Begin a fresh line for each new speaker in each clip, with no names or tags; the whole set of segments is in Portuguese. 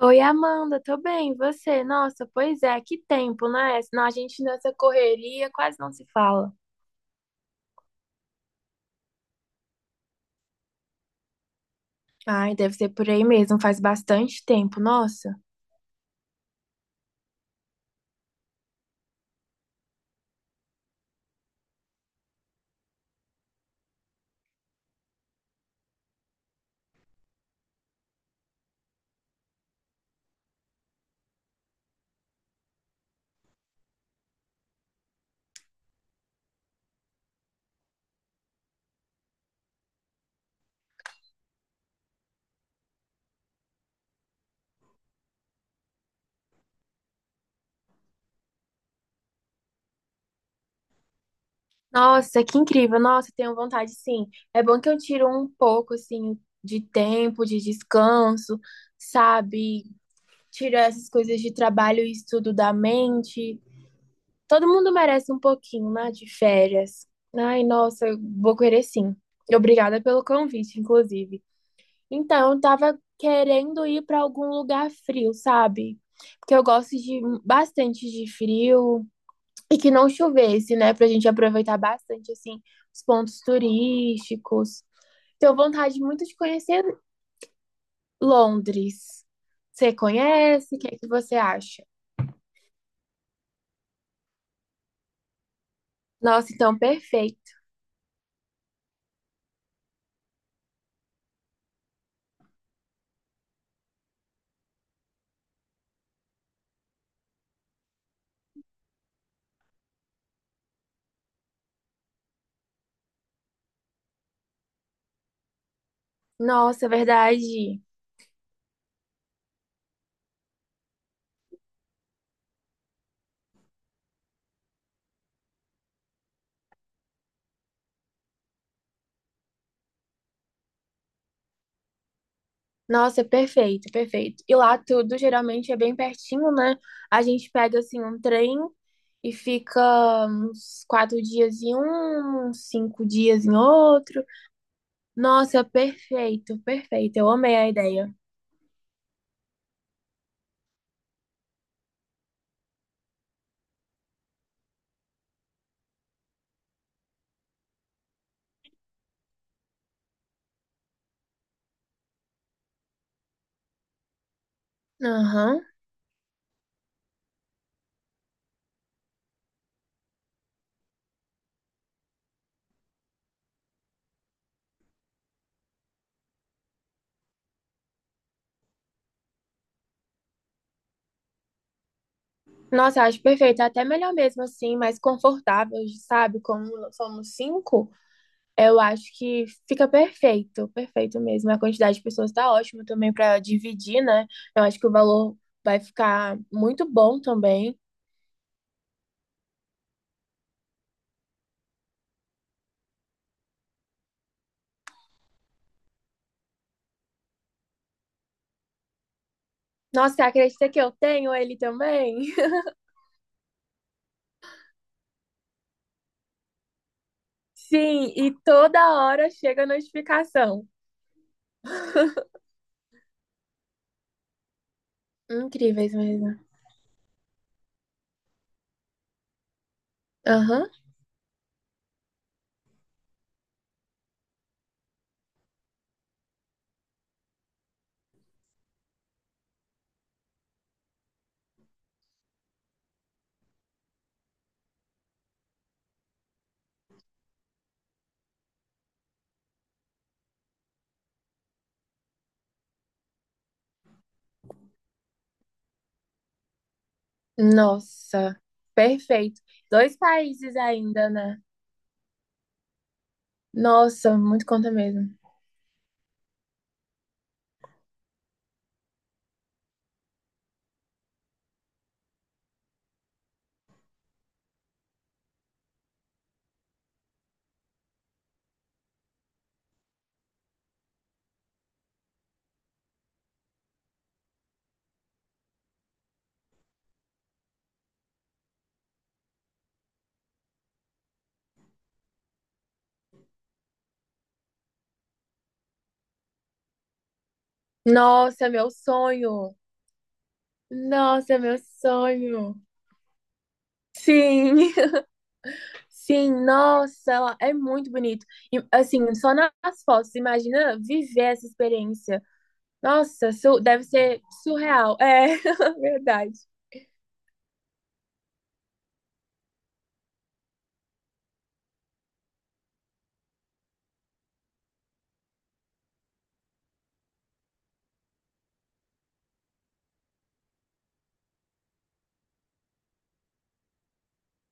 Oi, Amanda, tô bem, e você? Nossa, pois é, que tempo, né? Senão a gente nessa correria quase não se fala. Ai, deve ser por aí mesmo, faz bastante tempo, nossa. Nossa, que incrível, nossa, tenho vontade sim. É bom que eu tiro um pouco, assim, de tempo, de descanso, sabe? Tiro essas coisas de trabalho e estudo da mente. Todo mundo merece um pouquinho, né, de férias. Ai, nossa, eu vou querer sim. Obrigada pelo convite, inclusive. Então, eu tava querendo ir pra algum lugar frio, sabe? Porque eu gosto de bastante de frio e que não chovesse, né? Pra gente aproveitar bastante, assim, os pontos turísticos. Tenho vontade muito de conhecer Londres. Você conhece? O que é que você acha? Nossa, então perfeito. Nossa, é verdade. Nossa, perfeito, perfeito. E lá tudo geralmente é bem pertinho, né? A gente pega assim um trem e fica uns 4 dias em um, uns 5 dias em outro. Nossa, perfeito, perfeito. Eu amei a ideia. Aham. Nossa, acho perfeito. É até melhor mesmo assim, mais confortável, sabe? Como somos cinco. Eu acho que fica perfeito, perfeito mesmo. A quantidade de pessoas tá ótima também para dividir, né? Eu acho que o valor vai ficar muito bom também. Nossa, você acredita que eu tenho ele também? Sim, e toda hora chega a notificação. Incríveis mesmo. Aham. Nossa, perfeito. Dois países ainda, né? Nossa, muito conta mesmo. Nossa, meu sonho. Nossa, meu sonho. Sim. Sim, nossa, ela é muito bonito. E, assim, só nas fotos, imagina viver essa experiência. Nossa, deve ser surreal. É, verdade.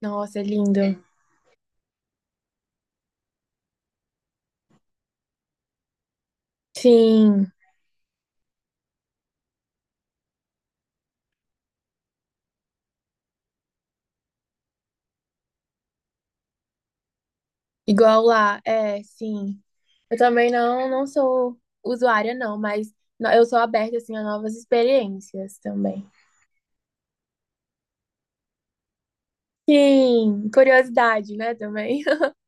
Nossa, é lindo. Sim. Igual lá, é, sim. Eu também não, não sou usuária, não, mas eu sou aberta, assim, a novas experiências também. Sim, curiosidade, né, também.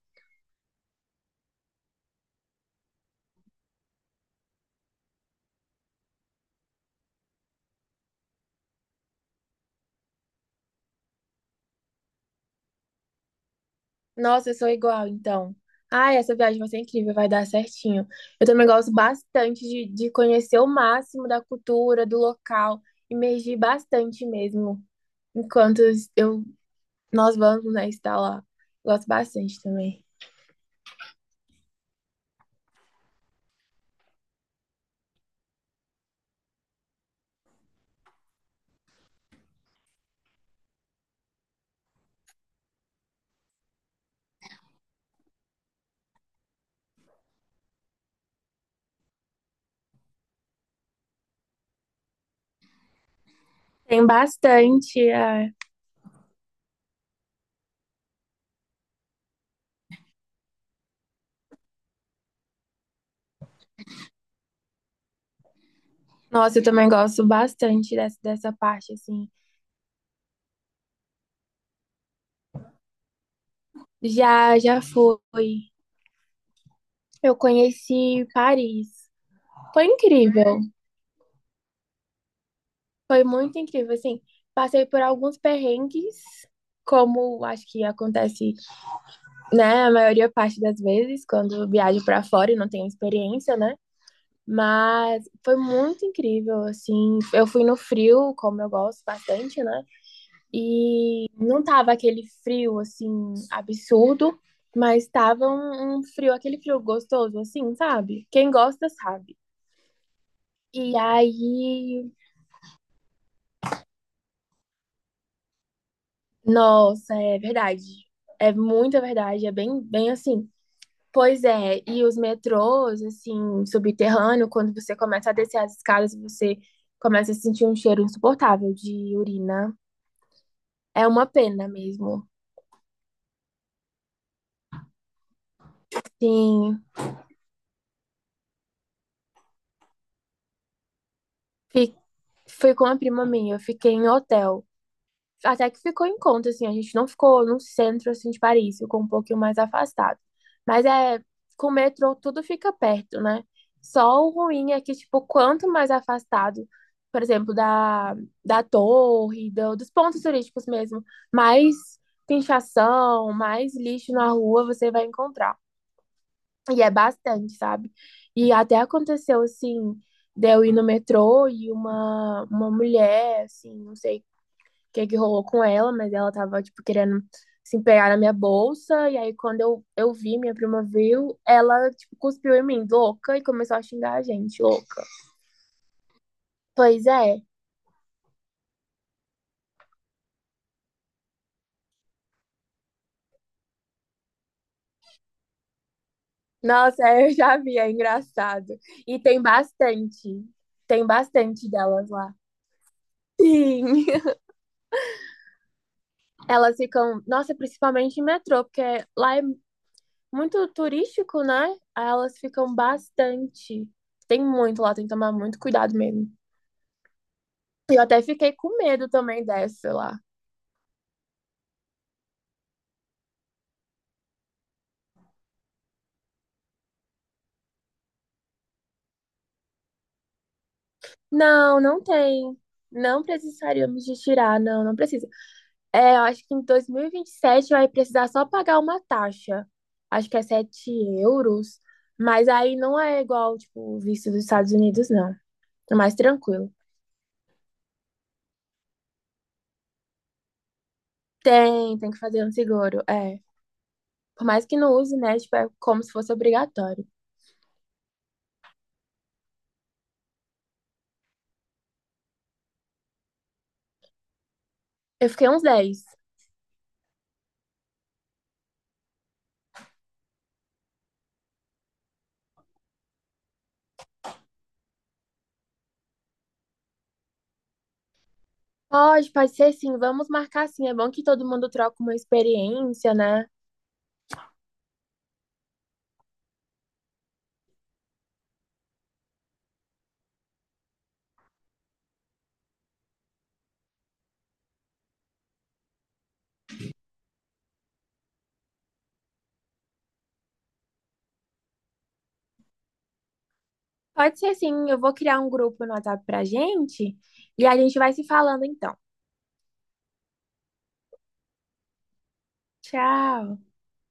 Nossa, eu sou igual, então. Ai, essa viagem vai ser incrível, vai dar certinho. Eu também gosto bastante de conhecer o máximo da cultura, do local, imergir bastante mesmo, enquanto eu, nós vamos, né, estar lá. Gosto bastante também. Tem bastante. Nossa, eu também gosto bastante dessa parte, assim. Já, já fui. Eu conheci Paris. Foi incrível. Foi muito incrível, assim. Passei por alguns perrengues, como acho que acontece, né, a maioria parte das vezes, quando viajo pra fora e não tenho experiência, né? Mas foi muito incrível, assim. Eu fui no frio, como eu gosto bastante, né? E não tava aquele frio assim absurdo, mas tava um frio, aquele frio gostoso assim, sabe? Quem gosta sabe. E aí, nossa, é verdade. É muita verdade, é bem, bem assim. Pois é, e os metrôs, assim, subterrâneo, quando você começa a descer as escadas, você começa a sentir um cheiro insuportável de urina. É uma pena mesmo. Sim, fi- fui com a prima minha, eu fiquei em hotel. Até que ficou em conta, assim, a gente não ficou no centro, assim, de Paris, ficou um pouquinho mais afastado. Mas é, com o metrô tudo fica perto, né? Só o ruim é que, tipo, quanto mais afastado, por exemplo, da torre, dos pontos turísticos mesmo, mais pinchação, mais lixo na rua você vai encontrar. E é bastante, sabe? E até aconteceu, assim, de eu ir no metrô e uma mulher, assim, não sei que é que rolou com ela, mas ela tava, tipo, querendo se empenhar na minha bolsa. E aí, quando eu vi, minha prima viu, ela, tipo, cuspiu em mim, louca, e começou a xingar a gente, louca. Pois é. Nossa, eu já vi, é engraçado. E tem bastante delas lá. Sim. Elas ficam, nossa, principalmente em metrô, porque lá é muito turístico, né? Aí elas ficam bastante. Tem muito lá, tem que tomar muito cuidado mesmo. Eu até fiquei com medo também dessa lá. Não, não tem. Não precisaríamos de tirar, não, não precisa. É, eu acho que em dois mil e vinte e sete vai precisar só pagar uma taxa. Acho que é 7 euros. Mas aí não é igual, tipo, o visto dos Estados Unidos, não. É mais tranquilo. Tem, tem que fazer um seguro. É. Por mais que não use, né? Tipo, é como se fosse obrigatório. Eu fiquei uns dez. Pode, pode ser sim. Vamos marcar sim. É bom que todo mundo troca uma experiência, né? Pode ser sim, eu vou criar um grupo no WhatsApp pra gente e a gente vai se falando então. Tchau.